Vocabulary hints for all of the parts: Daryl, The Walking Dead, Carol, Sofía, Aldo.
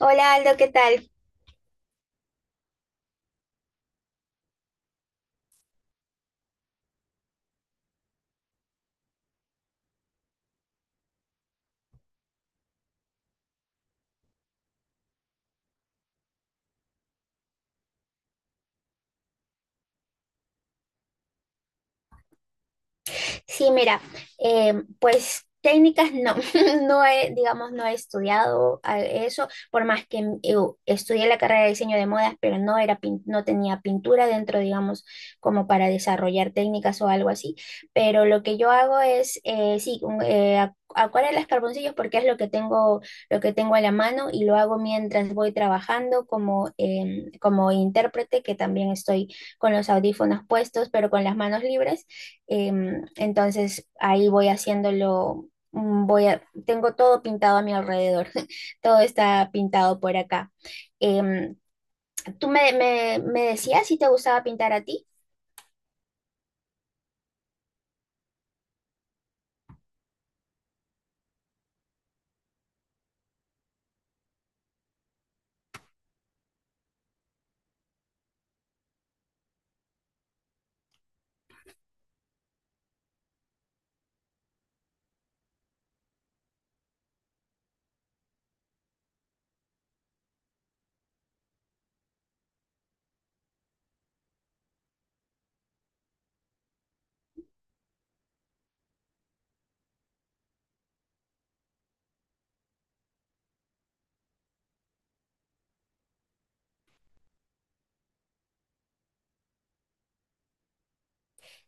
Hola Aldo, ¿qué tal? Sí, mira, eh, pues técnicas no, no he, digamos, no he estudiado eso, por más que estudié la carrera de diseño de modas, pero no era, no tenía pintura dentro, digamos, como para desarrollar técnicas o algo así, pero lo que yo hago es, sí, acuarelas, carboncillos, porque es lo que tengo a la mano y lo hago mientras voy trabajando como, como intérprete, que también estoy con los audífonos puestos, pero con las manos libres. Entonces ahí voy haciéndolo, voy a, tengo todo pintado a mi alrededor, todo está pintado por acá. Em, tú me decías si te gustaba pintar a ti.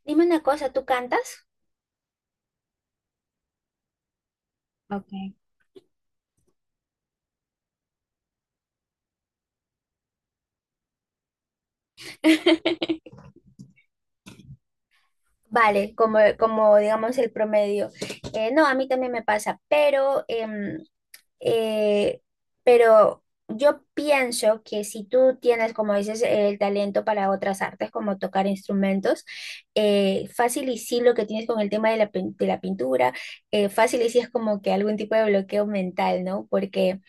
Dime una cosa, ¿tú cantas? Okay. Vale, como, como digamos el promedio. No, a mí también me pasa, pero Eh, pero yo pienso que si tú tienes, como dices, el talento para otras artes, como tocar instrumentos, fácil y sí lo que tienes con el tema de la, de la pintura, fácil y sí es como que algún tipo de bloqueo mental, ¿no? Porque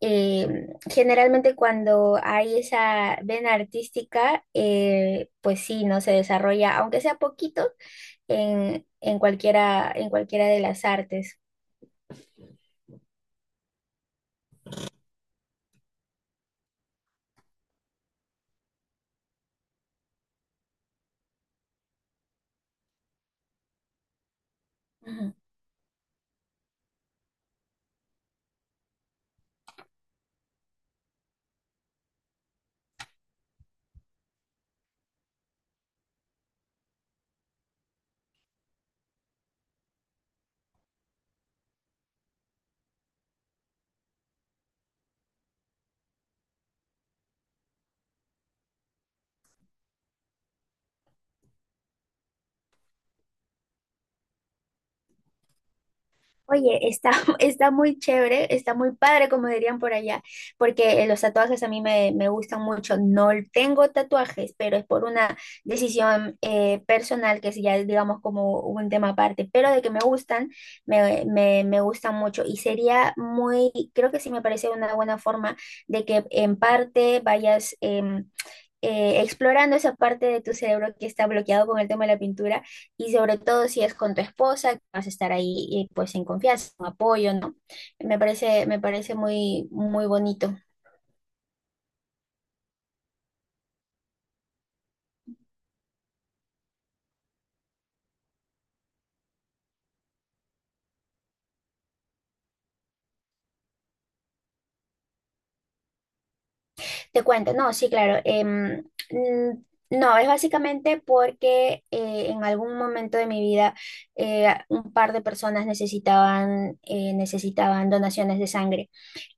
generalmente cuando hay esa vena artística, pues sí, ¿no? Se desarrolla, aunque sea poquito, en cualquiera de las artes. Oye, está, está muy chévere, está muy padre, como dirían por allá, porque los tatuajes a mí me, me gustan mucho. No tengo tatuajes, pero es por una decisión personal, que es ya, digamos, como un tema aparte, pero de que me gustan, me gustan mucho. Y sería muy, creo que sí me parece una buena forma de que en parte vayas explorando esa parte de tu cerebro que está bloqueado con el tema de la pintura y sobre todo si es con tu esposa, que vas a estar ahí pues en confianza, con apoyo, ¿no? Me parece muy, muy bonito. Te cuento, no, sí, claro. Mm, no, es básicamente porque en algún momento de mi vida un par de personas necesitaban, necesitaban donaciones de sangre.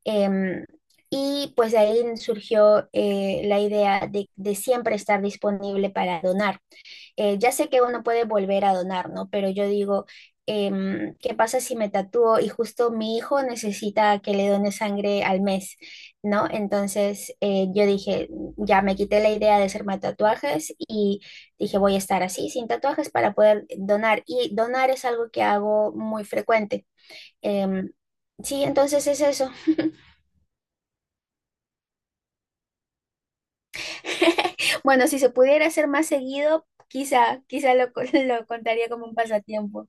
Em, y pues de ahí surgió la idea de siempre estar disponible para donar. Ya sé que uno puede volver a donar, ¿no? Pero yo digo, ¿qué pasa si me tatúo y justo mi hijo necesita que le done sangre al mes, ¿no? Entonces yo dije, ya me quité la idea de hacerme tatuajes y dije, voy a estar así, sin tatuajes, para poder donar. Y donar es algo que hago muy frecuente. Em, sí, entonces es eso. Bueno, si se pudiera hacer más seguido, quizá, lo contaría como un pasatiempo.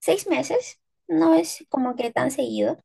Seis meses no es como que tan seguido.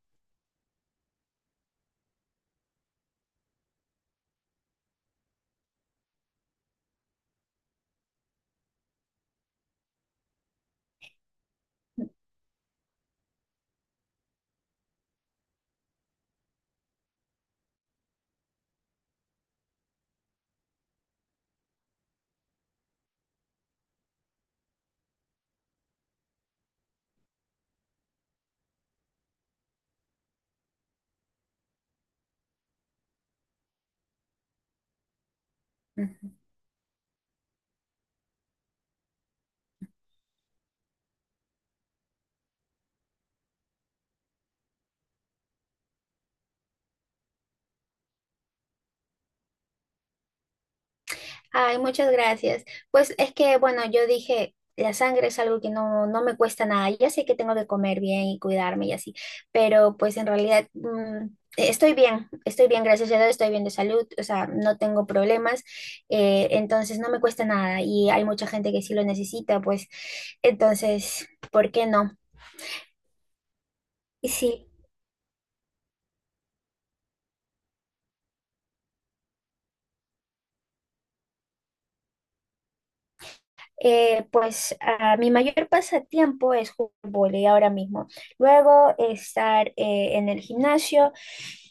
Ay, muchas gracias. Pues es que, bueno, yo dije, la sangre es algo que no, no me cuesta nada. Ya sé que tengo que comer bien y cuidarme y así, pero pues en realidad estoy bien, gracias a Dios, estoy bien de salud, o sea, no tengo problemas, entonces no me cuesta nada y hay mucha gente que sí lo necesita, pues entonces, ¿por qué no? Sí. Pues ah, mi mayor pasatiempo es jugar vóley ahora mismo. Luego estar en el gimnasio,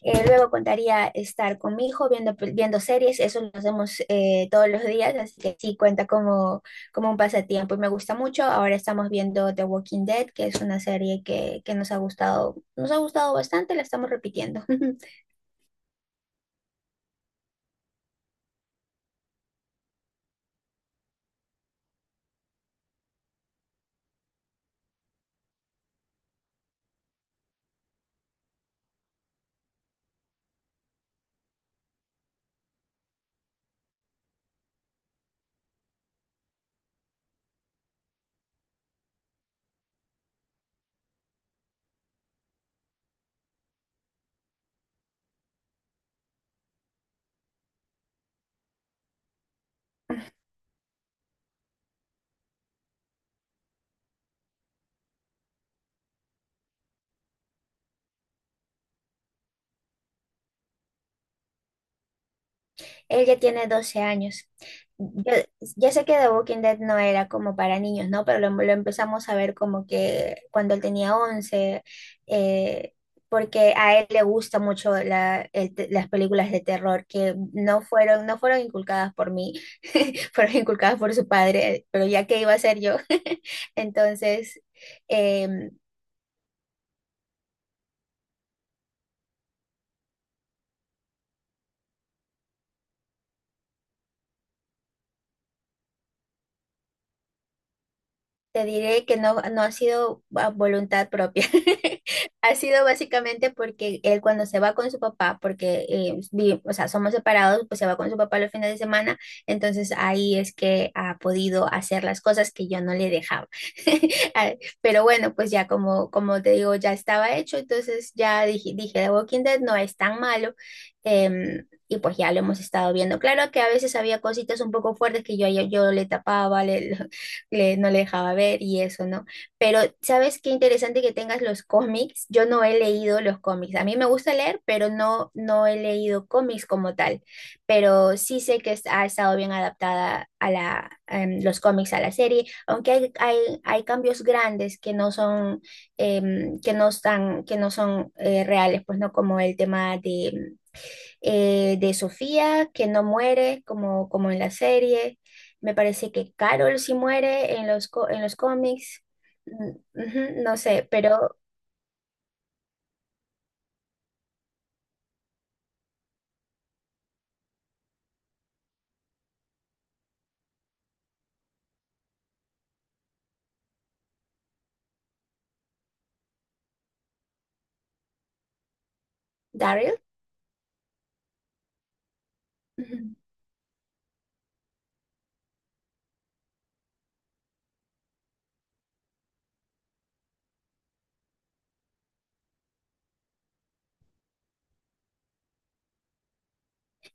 luego contaría estar con mi hijo viendo, viendo series, eso lo hacemos todos los días, así que sí cuenta como, como un pasatiempo y me gusta mucho. Ahora estamos viendo The Walking Dead, que es una serie que nos ha gustado bastante, la estamos repitiendo. Él ya tiene 12 años. Yo, ya sé que The Walking Dead no era como para niños, ¿no? Pero lo empezamos a ver como que cuando él tenía 11, eh, porque a él le gusta mucho las películas de terror que no fueron, no fueron inculcadas por mí, fueron inculcadas por su padre, pero ya que iba a ser yo. Entonces... em, Te diré que no, no ha sido a voluntad propia. Ha sido básicamente porque él cuando se va con su papá, porque o sea, somos separados, pues se va con su papá los fines de semana, entonces ahí es que ha podido hacer las cosas que yo no le dejaba. Ah, pero bueno, pues ya como, como te digo, ya estaba hecho, entonces ya dije, dije, The Walking Dead no es tan malo. em, y pues ya lo hemos estado viendo. Claro que a veces había cositas un poco fuertes que yo le tapaba, no le dejaba ver y eso, ¿no? Pero, ¿sabes qué interesante que tengas los cómics? Yo no he leído los cómics. A mí me gusta leer, pero no, no he leído cómics como tal. Pero sí sé que ha estado bien adaptada a la, los cómics a la serie, aunque hay cambios grandes que no son, que no están, que no son reales, pues no como el tema de Sofía, que no muere como, como en la serie. Me parece que Carol sí muere en los, en los cómics. Mm, no sé, pero Daryl, ujú,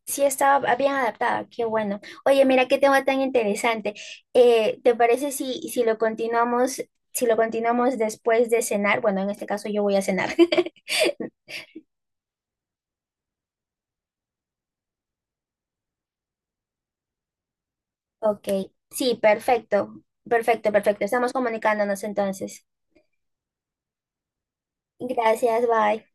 sí estaba bien adaptada, qué bueno. Oye, mira qué tema tan interesante. ¿Te parece si, si lo continuamos, si lo continuamos después de cenar? Bueno, en este caso yo voy a cenar. Ok, sí, perfecto, perfecto, perfecto. Estamos comunicándonos entonces. Gracias, bye.